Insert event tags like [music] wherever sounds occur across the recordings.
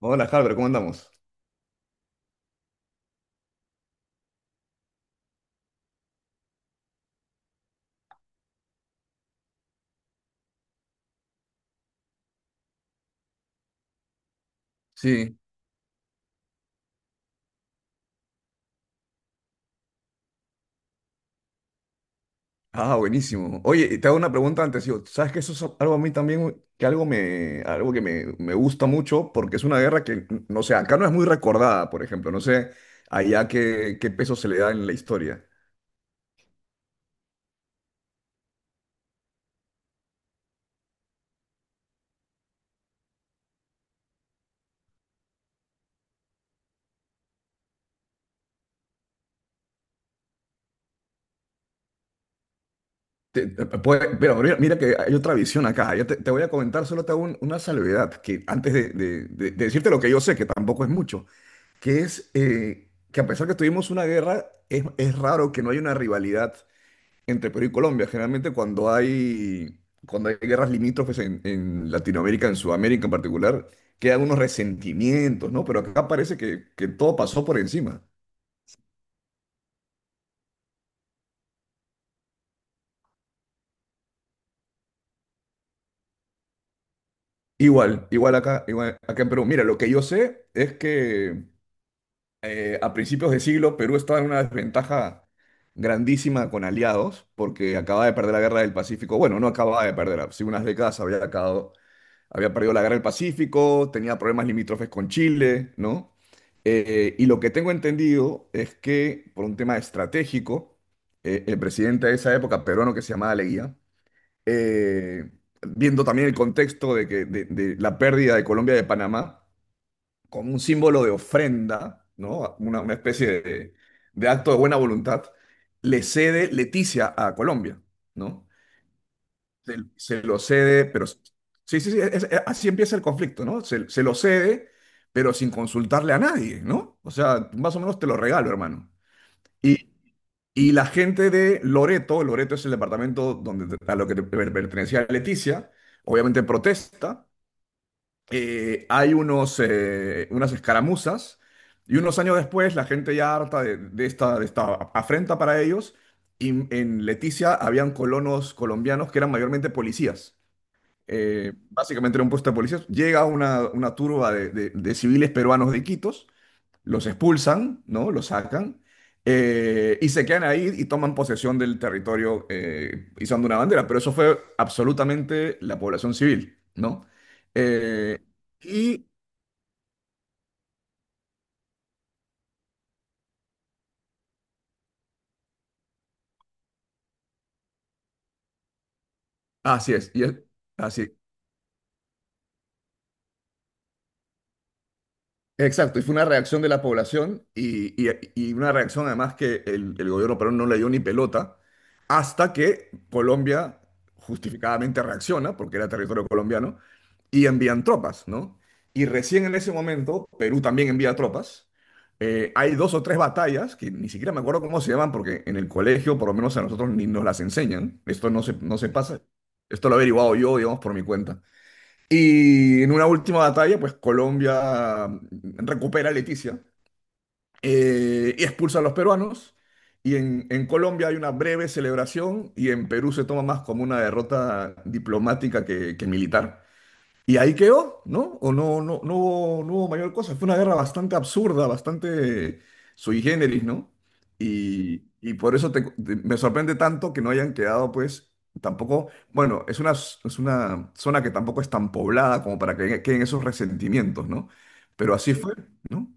Hola, Halber, ¿cómo andamos? Sí. Ah, buenísimo. Oye, y te hago una pregunta antes, yo. ¿Sabes que eso es algo a mí también, que algo que me gusta mucho? Porque es una guerra que, no sé, acá no es muy recordada. Por ejemplo, no sé allá qué peso se le da en la historia. Pero mira que hay otra visión acá. Yo te voy a comentar, solo te hago una salvedad, que antes de, de decirte lo que yo sé, que tampoco es mucho, que es que a pesar que tuvimos una guerra, es raro que no haya una rivalidad entre Perú y Colombia. Generalmente cuando hay guerras limítrofes en Latinoamérica, en Sudamérica en particular, quedan unos resentimientos, ¿no? Pero acá parece que todo pasó por encima. Igual, igual acá en Perú. Mira, lo que yo sé es que a principios de siglo Perú estaba en una desventaja grandísima con aliados, porque acababa de perder la guerra del Pacífico. Bueno, no acababa de perder, hace unas décadas había acabado, había perdido la guerra del Pacífico, tenía problemas limítrofes con Chile, ¿no? Y lo que tengo entendido es que por un tema estratégico, el presidente de esa época, peruano, que se llamaba Leguía, eh, viendo también el contexto de, que, de la pérdida de Colombia y de Panamá, como un símbolo de ofrenda, ¿no? Una especie de acto de buena voluntad, le cede Leticia a Colombia, ¿no? Se lo cede. Pero sí, sí, sí, así empieza el conflicto, ¿no? Se lo cede, pero sin consultarle a nadie, ¿no? O sea, más o menos te lo regalo, hermano. Y, y la gente de Loreto, Loreto es el departamento donde, a lo que pertenecía Leticia, obviamente protesta. Hay unos, unas escaramuzas, y unos años después la gente, ya harta de esta afrenta para ellos, y en Leticia habían colonos colombianos que eran mayormente policías. Básicamente era un puesto de policías. Llega una turba de, de civiles peruanos de Iquitos, los expulsan, ¿no? Los sacan, y se quedan ahí y toman posesión del territorio, izando una bandera. Pero eso fue absolutamente la población civil, ¿no? Eh, y así es, y es- así Exacto, y fue una reacción de la población y, y una reacción, además, que el gobierno peruano no le dio ni pelota, hasta que Colombia justificadamente reacciona, porque era territorio colombiano, y envían tropas, ¿no? Y recién en ese momento Perú también envía tropas. Hay dos o tres batallas que ni siquiera me acuerdo cómo se llaman, porque en el colegio, por lo menos a nosotros, ni nos las enseñan. Esto no se pasa. Esto lo he averiguado yo, digamos, por mi cuenta. Y en una última batalla, pues Colombia recupera a Leticia, y expulsa a los peruanos. Y en Colombia hay una breve celebración, y en Perú se toma más como una derrota diplomática que militar. Y ahí quedó, ¿no? O no, no, no hubo, no hubo mayor cosa. Fue una guerra bastante absurda, bastante sui generis, ¿no? Y por eso me sorprende tanto que no hayan quedado, pues, tampoco, bueno, es una zona que tampoco es tan poblada como para que queden esos resentimientos, ¿no? Pero así fue, ¿no?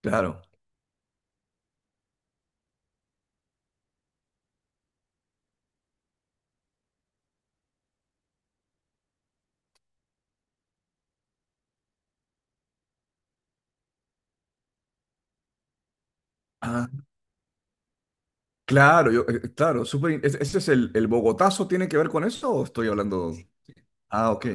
Claro. Ah, claro, yo, claro, ese, ese es el Bogotazo. ¿Tiene que ver con eso o estoy hablando? Ah, ok.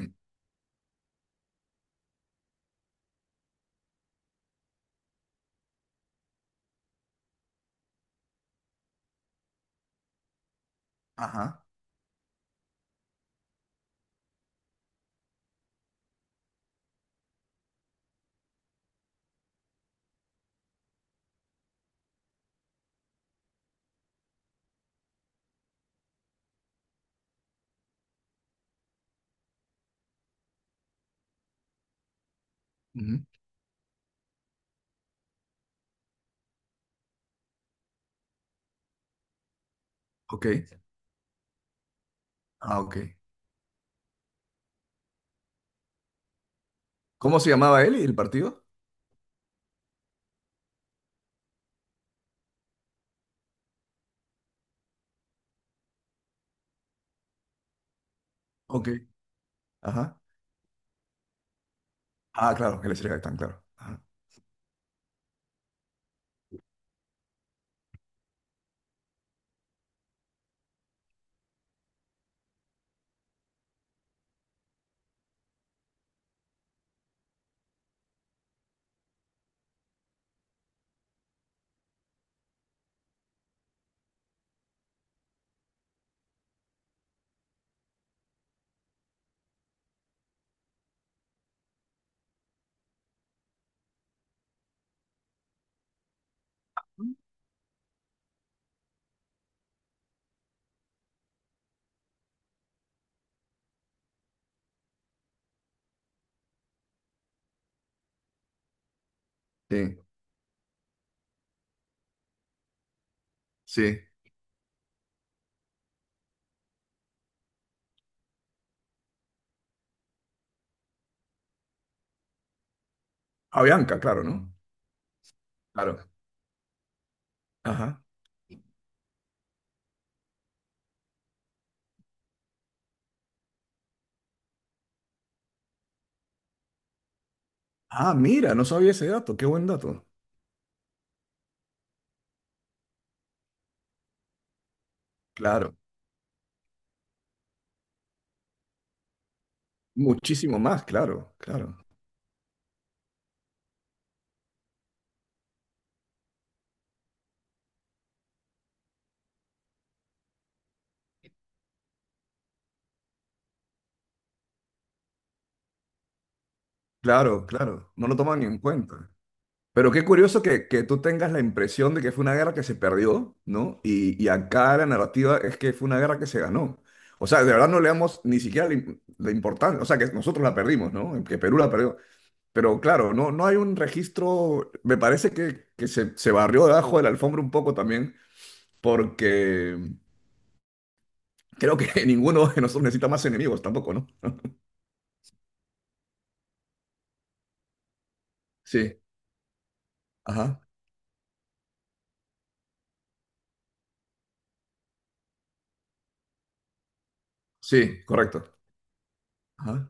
Ajá. Ujú. Ok. Ah, ok. ¿Cómo se llamaba él y el partido? Ok. Ajá. Ah, claro, el Estrella Gaitán, claro. Ajá. Sí, sí. ¿A Bianca, claro, no? Claro. Ajá. Ah, mira, no sabía ese dato, qué buen dato. Claro. Muchísimo más, claro, claro. Claro, claro. No lo toman ni en cuenta. Pero qué curioso que tú tengas la impresión de que fue una guerra que se perdió, ¿no? Y acá la narrativa es que fue una guerra que se ganó. O sea, de verdad no le damos ni siquiera la, la importancia. O sea, que nosotros la perdimos, ¿no? Que Perú la perdió. Pero claro, no, no hay un registro, me parece que se barrió debajo de la alfombra un poco también, porque creo que [laughs] ninguno de nosotros necesita más enemigos tampoco, ¿no? [laughs] Sí, ajá, sí, correcto, ajá,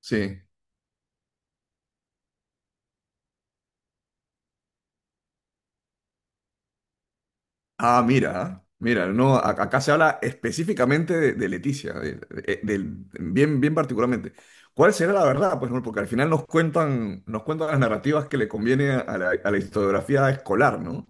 sí. Ah, mira, no, acá se habla específicamente de Leticia, de- bien, bien particularmente. ¿Cuál será la verdad? Pues no, porque al final nos cuentan las narrativas que le conviene a la historiografía escolar, ¿no?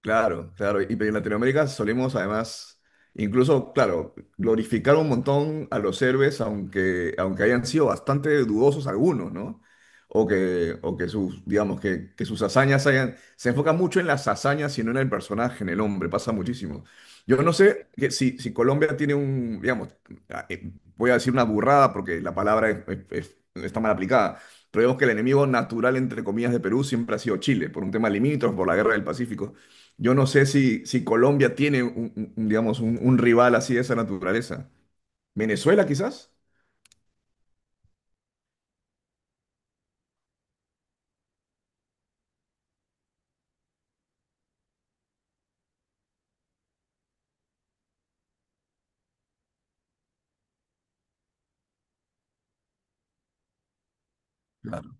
Claro, claro. Y pero en Latinoamérica solemos además, incluso, claro, glorificar un montón a los héroes, aunque, aunque hayan sido bastante dudosos algunos, ¿no? O que sus, digamos, que sus hazañas hayan... Se enfoca mucho en las hazañas y no en el personaje, en el hombre, pasa muchísimo. Yo no sé que si, si Colombia tiene un, digamos, ah, voy a decir una burrada porque la palabra está mal aplicada, pero digamos que el enemigo natural, entre comillas, de Perú siempre ha sido Chile, por un tema limítrofe, por la guerra del Pacífico. Yo no sé si, si Colombia tiene un, un, digamos, un rival así de esa naturaleza. ¿Venezuela quizás? Claro.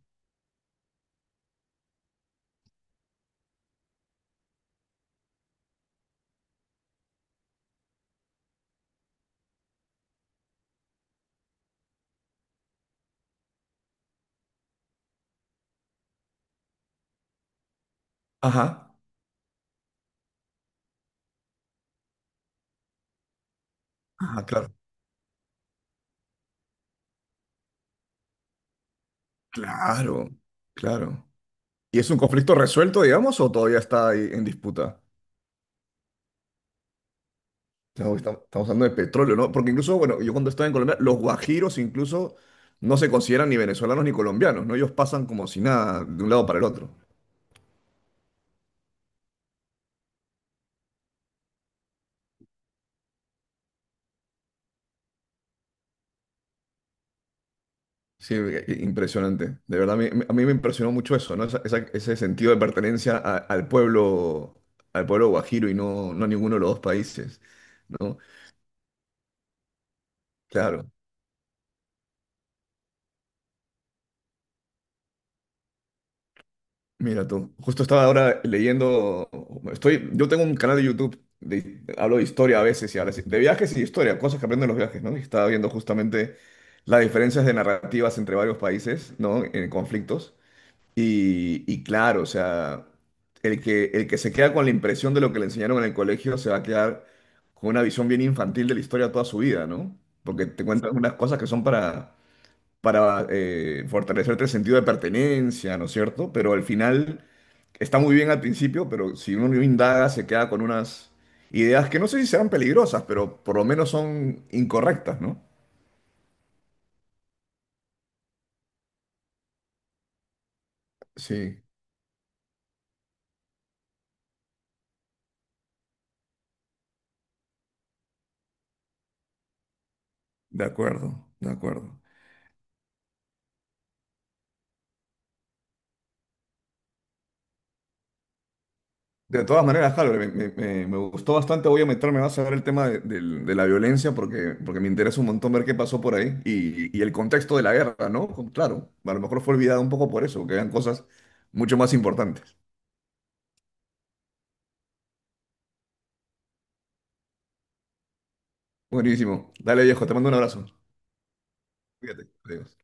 Ajá. Ah, claro. Claro, claro. ¿Y es un conflicto resuelto, digamos, o todavía está ahí en disputa? Estamos, estamos hablando de petróleo, ¿no? Porque incluso, bueno, yo cuando estaba en Colombia, los guajiros incluso no se consideran ni venezolanos ni colombianos, ¿no? Ellos pasan como si nada de un lado para el otro. Sí, impresionante. De verdad, a mí me impresionó mucho eso, ¿no? Ese sentido de pertenencia al pueblo guajiro y no, no a ninguno de los dos países, ¿no? Claro. Mira tú, justo estaba ahora leyendo, estoy, yo tengo un canal de YouTube, de- hablo de historia a veces y ahora sí, de viajes y de historia, cosas que aprenden los viajes, ¿no? Y estaba viendo justamente las diferencias de narrativas entre varios países, ¿no? En conflictos. Y claro, o sea, el que se queda con la impresión de lo que le enseñaron en el colegio se va a quedar con una visión bien infantil de la historia toda su vida, ¿no? Porque te cuentan unas cosas que son para fortalecerte el sentido de pertenencia, ¿no es cierto? Pero al final está muy bien al principio, pero si uno no indaga se queda con unas ideas que no sé si serán peligrosas, pero por lo menos son incorrectas, ¿no? Sí, de acuerdo, de acuerdo. De todas maneras, claro, me, me gustó bastante. Voy a meterme más a ver el tema de, de la violencia, porque, porque me interesa un montón ver qué pasó por ahí y el contexto de la guerra, ¿no? Con- Claro, a lo mejor fue olvidado un poco por eso, que eran cosas mucho más importantes. Buenísimo. Dale, viejo, te mando un abrazo. Cuídate. Adiós.